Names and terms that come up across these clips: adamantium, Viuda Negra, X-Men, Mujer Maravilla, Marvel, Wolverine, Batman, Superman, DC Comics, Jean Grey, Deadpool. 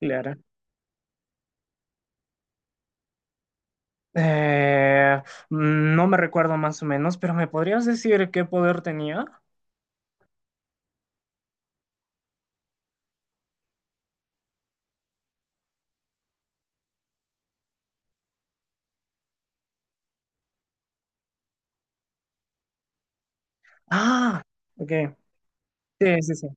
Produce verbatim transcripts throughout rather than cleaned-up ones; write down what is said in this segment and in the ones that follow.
Clara, Eh, mm, no me recuerdo más o menos, pero ¿me podrías decir qué poder tenía? Ah, ok. Sí, sí, sí.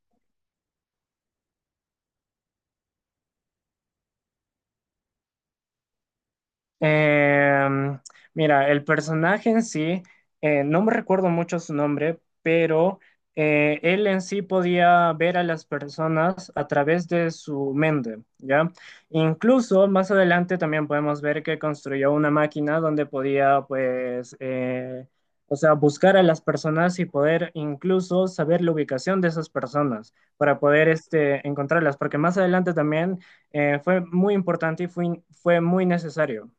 Em, Mira, el personaje en sí, eh, no me recuerdo mucho su nombre, pero eh, él en sí podía ver a las personas a través de su mente, ¿ya? Incluso más adelante también podemos ver que construyó una máquina donde podía, pues, eh, o sea, buscar a las personas y poder incluso saber la ubicación de esas personas para poder, este, encontrarlas, porque más adelante también eh, fue muy importante y fue, fue muy necesario.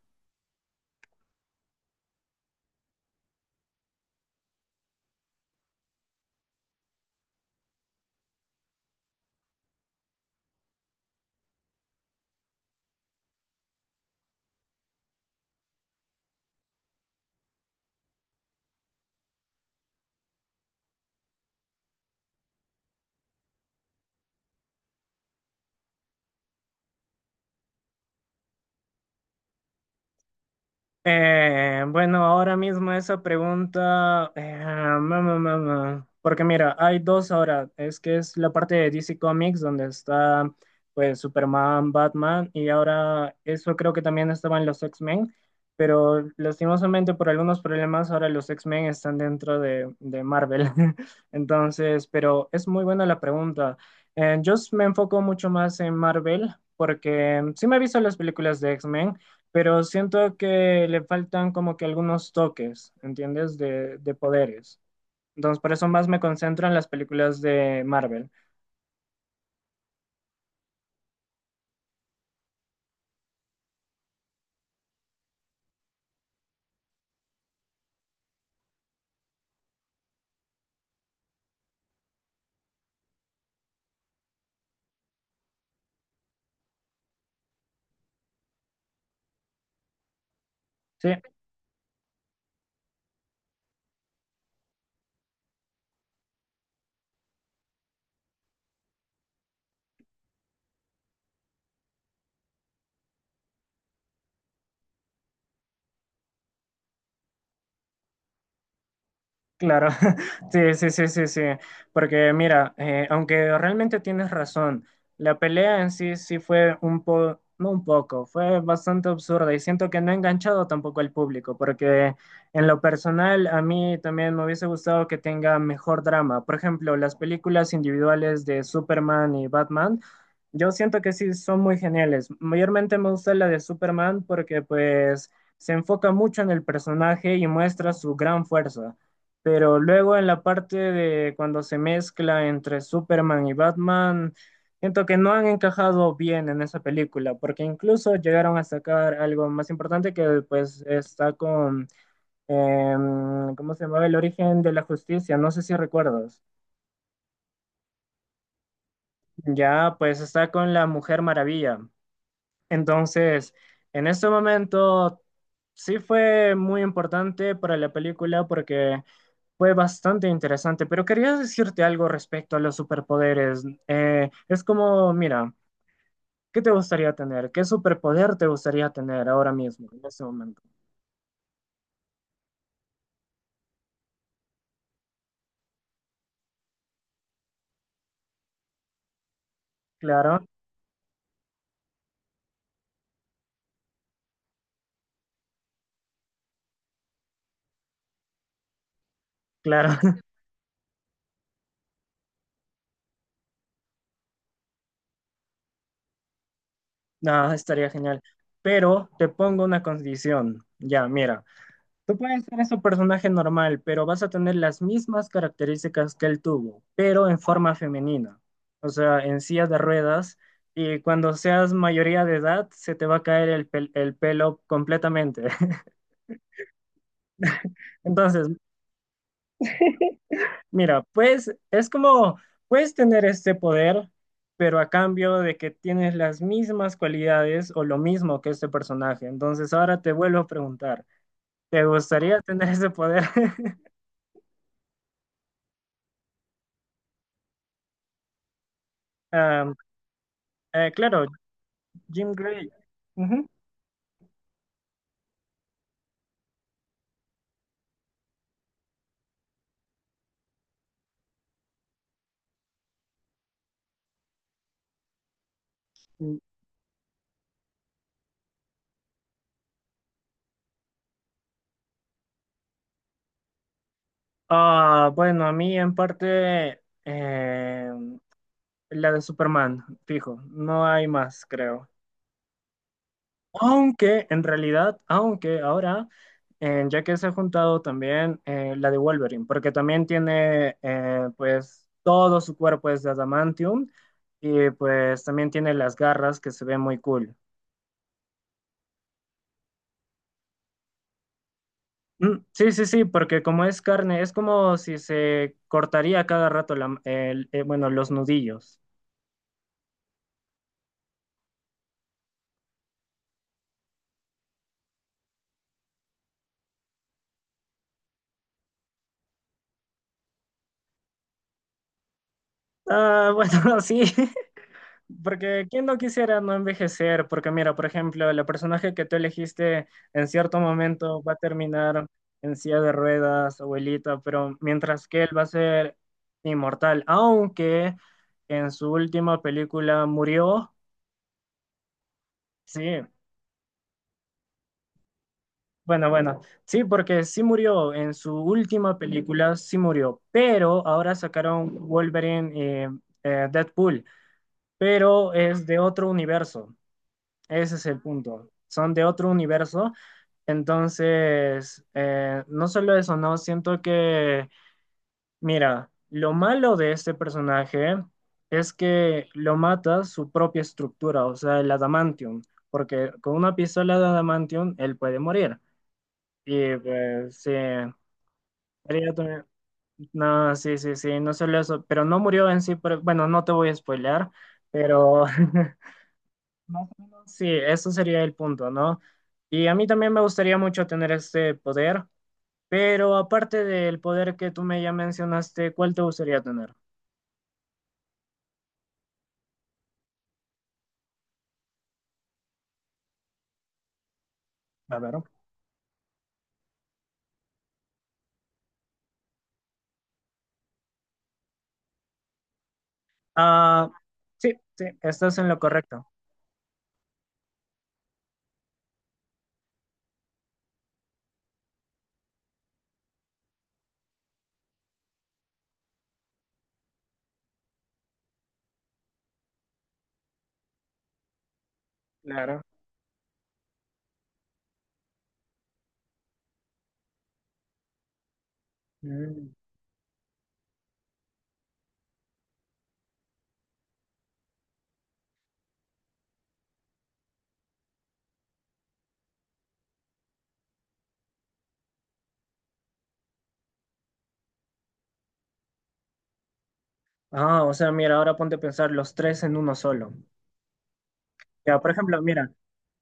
Eh, bueno, ahora mismo esa pregunta, eh, ma, ma, ma, ma. Porque mira, hay dos ahora, es que es la parte de D C Comics donde está pues Superman, Batman y ahora eso creo que también estaban los X-Men, pero lastimosamente por algunos problemas ahora los X-Men están dentro de, de Marvel. Entonces, pero es muy buena la pregunta. Eh, yo s- me enfoco mucho más en Marvel porque sí me he visto las películas de X-Men, pero siento que le faltan como que algunos toques, ¿entiendes? De, de poderes. Entonces, por eso más me concentro en las películas de Marvel. Sí, claro, sí, sí, sí, sí, sí, porque mira, eh, aunque realmente tienes razón, la pelea en sí sí fue un po, no un poco, fue bastante absurda y siento que no ha enganchado tampoco al público, porque en lo personal a mí también me hubiese gustado que tenga mejor drama. Por ejemplo, las películas individuales de Superman y Batman, yo siento que sí son muy geniales. Mayormente me gusta la de Superman porque pues se enfoca mucho en el personaje y muestra su gran fuerza. Pero luego en la parte de cuando se mezcla entre Superman y Batman, siento que no han encajado bien en esa película, porque incluso llegaron a sacar algo más importante que pues está con, em, ¿cómo se llamaba? El origen de la justicia, no sé si recuerdas. Ya pues está con la Mujer Maravilla. Entonces, en este momento sí fue muy importante para la película porque... Fue bastante interesante, pero quería decirte algo respecto a los superpoderes. Eh, es como, mira, ¿qué te gustaría tener? ¿Qué superpoder te gustaría tener ahora mismo, en este momento? Claro, claro. No, estaría genial. Pero te pongo una condición. Ya, mira, tú puedes ser ese personaje normal, pero vas a tener las mismas características que él tuvo, pero en forma femenina, o sea, en silla de ruedas, y cuando seas mayoría de edad, se te va a caer el, pel- el pelo completamente. Entonces, mira, pues es como, puedes tener este poder, pero a cambio de que tienes las mismas cualidades o lo mismo que este personaje. Entonces, ahora te vuelvo a preguntar, ¿te gustaría tener ese poder? Ah, eh, claro, Jim Gray. Ujú. Ah, bueno, a mí en parte eh, la de Superman, fijo, no hay más, creo. Aunque en realidad, aunque ahora, eh, ya que se ha juntado también eh, la de Wolverine, porque también tiene eh, pues todo su cuerpo es de adamantium y pues también tiene las garras que se ven muy cool. Mm, Sí, sí, sí, porque como es carne, es como si se cortaría cada rato la, el- eh, bueno, los nudillos. Ah, bueno, sí, porque quién no quisiera no envejecer, porque mira, por ejemplo, el personaje que tú elegiste en cierto momento va a terminar en silla de ruedas, abuelita, pero mientras que él va a ser inmortal, aunque en su última película murió, sí, bueno, bueno, sí, porque sí murió en su última película, sí murió, pero ahora sacaron Wolverine, eh, eh, Deadpool, pero es de otro universo, ese es el punto, son de otro universo. Entonces, eh, no solo eso, no, siento que, mira, lo malo de este personaje es que lo mata su propia estructura, o sea, el adamantium, porque con una pistola de adamantium él puede morir. Y pues sí, haría también- No, sí, sí, sí, no solo eso, pero no murió en sí, pero, bueno, no te voy a spoilear, pero más o menos sí, eso sería el punto, ¿no? Y a mí también me gustaría mucho tener este poder, pero aparte del poder que tú me ya mencionaste, ¿cuál te gustaría tener? A ver. Ah, sí, sí, estás en lo correcto. Claro. Mm. Ah, o sea, mira, ahora ponte a pensar los tres en uno solo. Ya, por ejemplo, mira,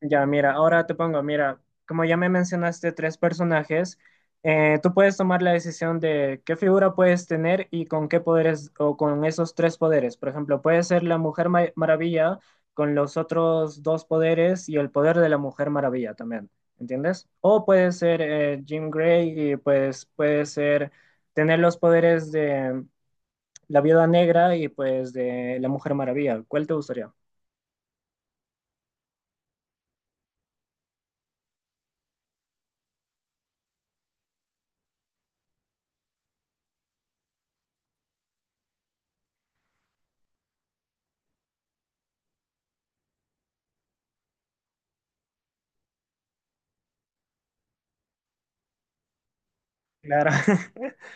ya, mira, ahora te pongo, mira, como ya me mencionaste tres personajes, eh, tú puedes tomar la decisión de qué figura puedes tener y con qué poderes o con esos tres poderes. Por ejemplo, puede ser la Mujer Ma- Maravilla con los otros dos poderes y el poder de la Mujer Maravilla también, ¿entiendes? O puede ser eh, Jean Grey y pues puede ser tener los poderes de la Viuda Negra y pues de la Mujer Maravilla. ¿Cuál te gustaría? Claro.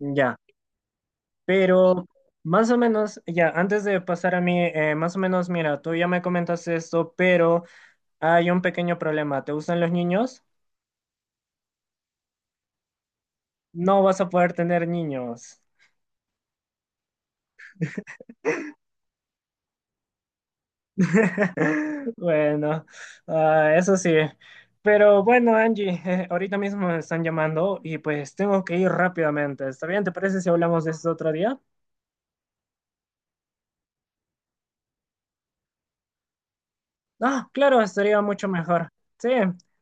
Ya. Pero más o menos, ya, antes de pasar a mí, eh, más o menos, mira, tú ya me comentaste esto, pero hay un pequeño problema. ¿Te gustan los niños? No vas a poder tener niños. Bueno, ah, eso sí. Pero bueno, Angie, eh, ahorita mismo me están llamando y pues tengo que ir rápidamente. ¿Está bien? ¿Te parece si hablamos de esto otro día? Ah, claro, estaría mucho mejor. Sí,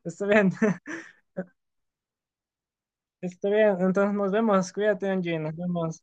está bien. Está bien. Entonces nos vemos. Cuídate, Angie. Nos vemos.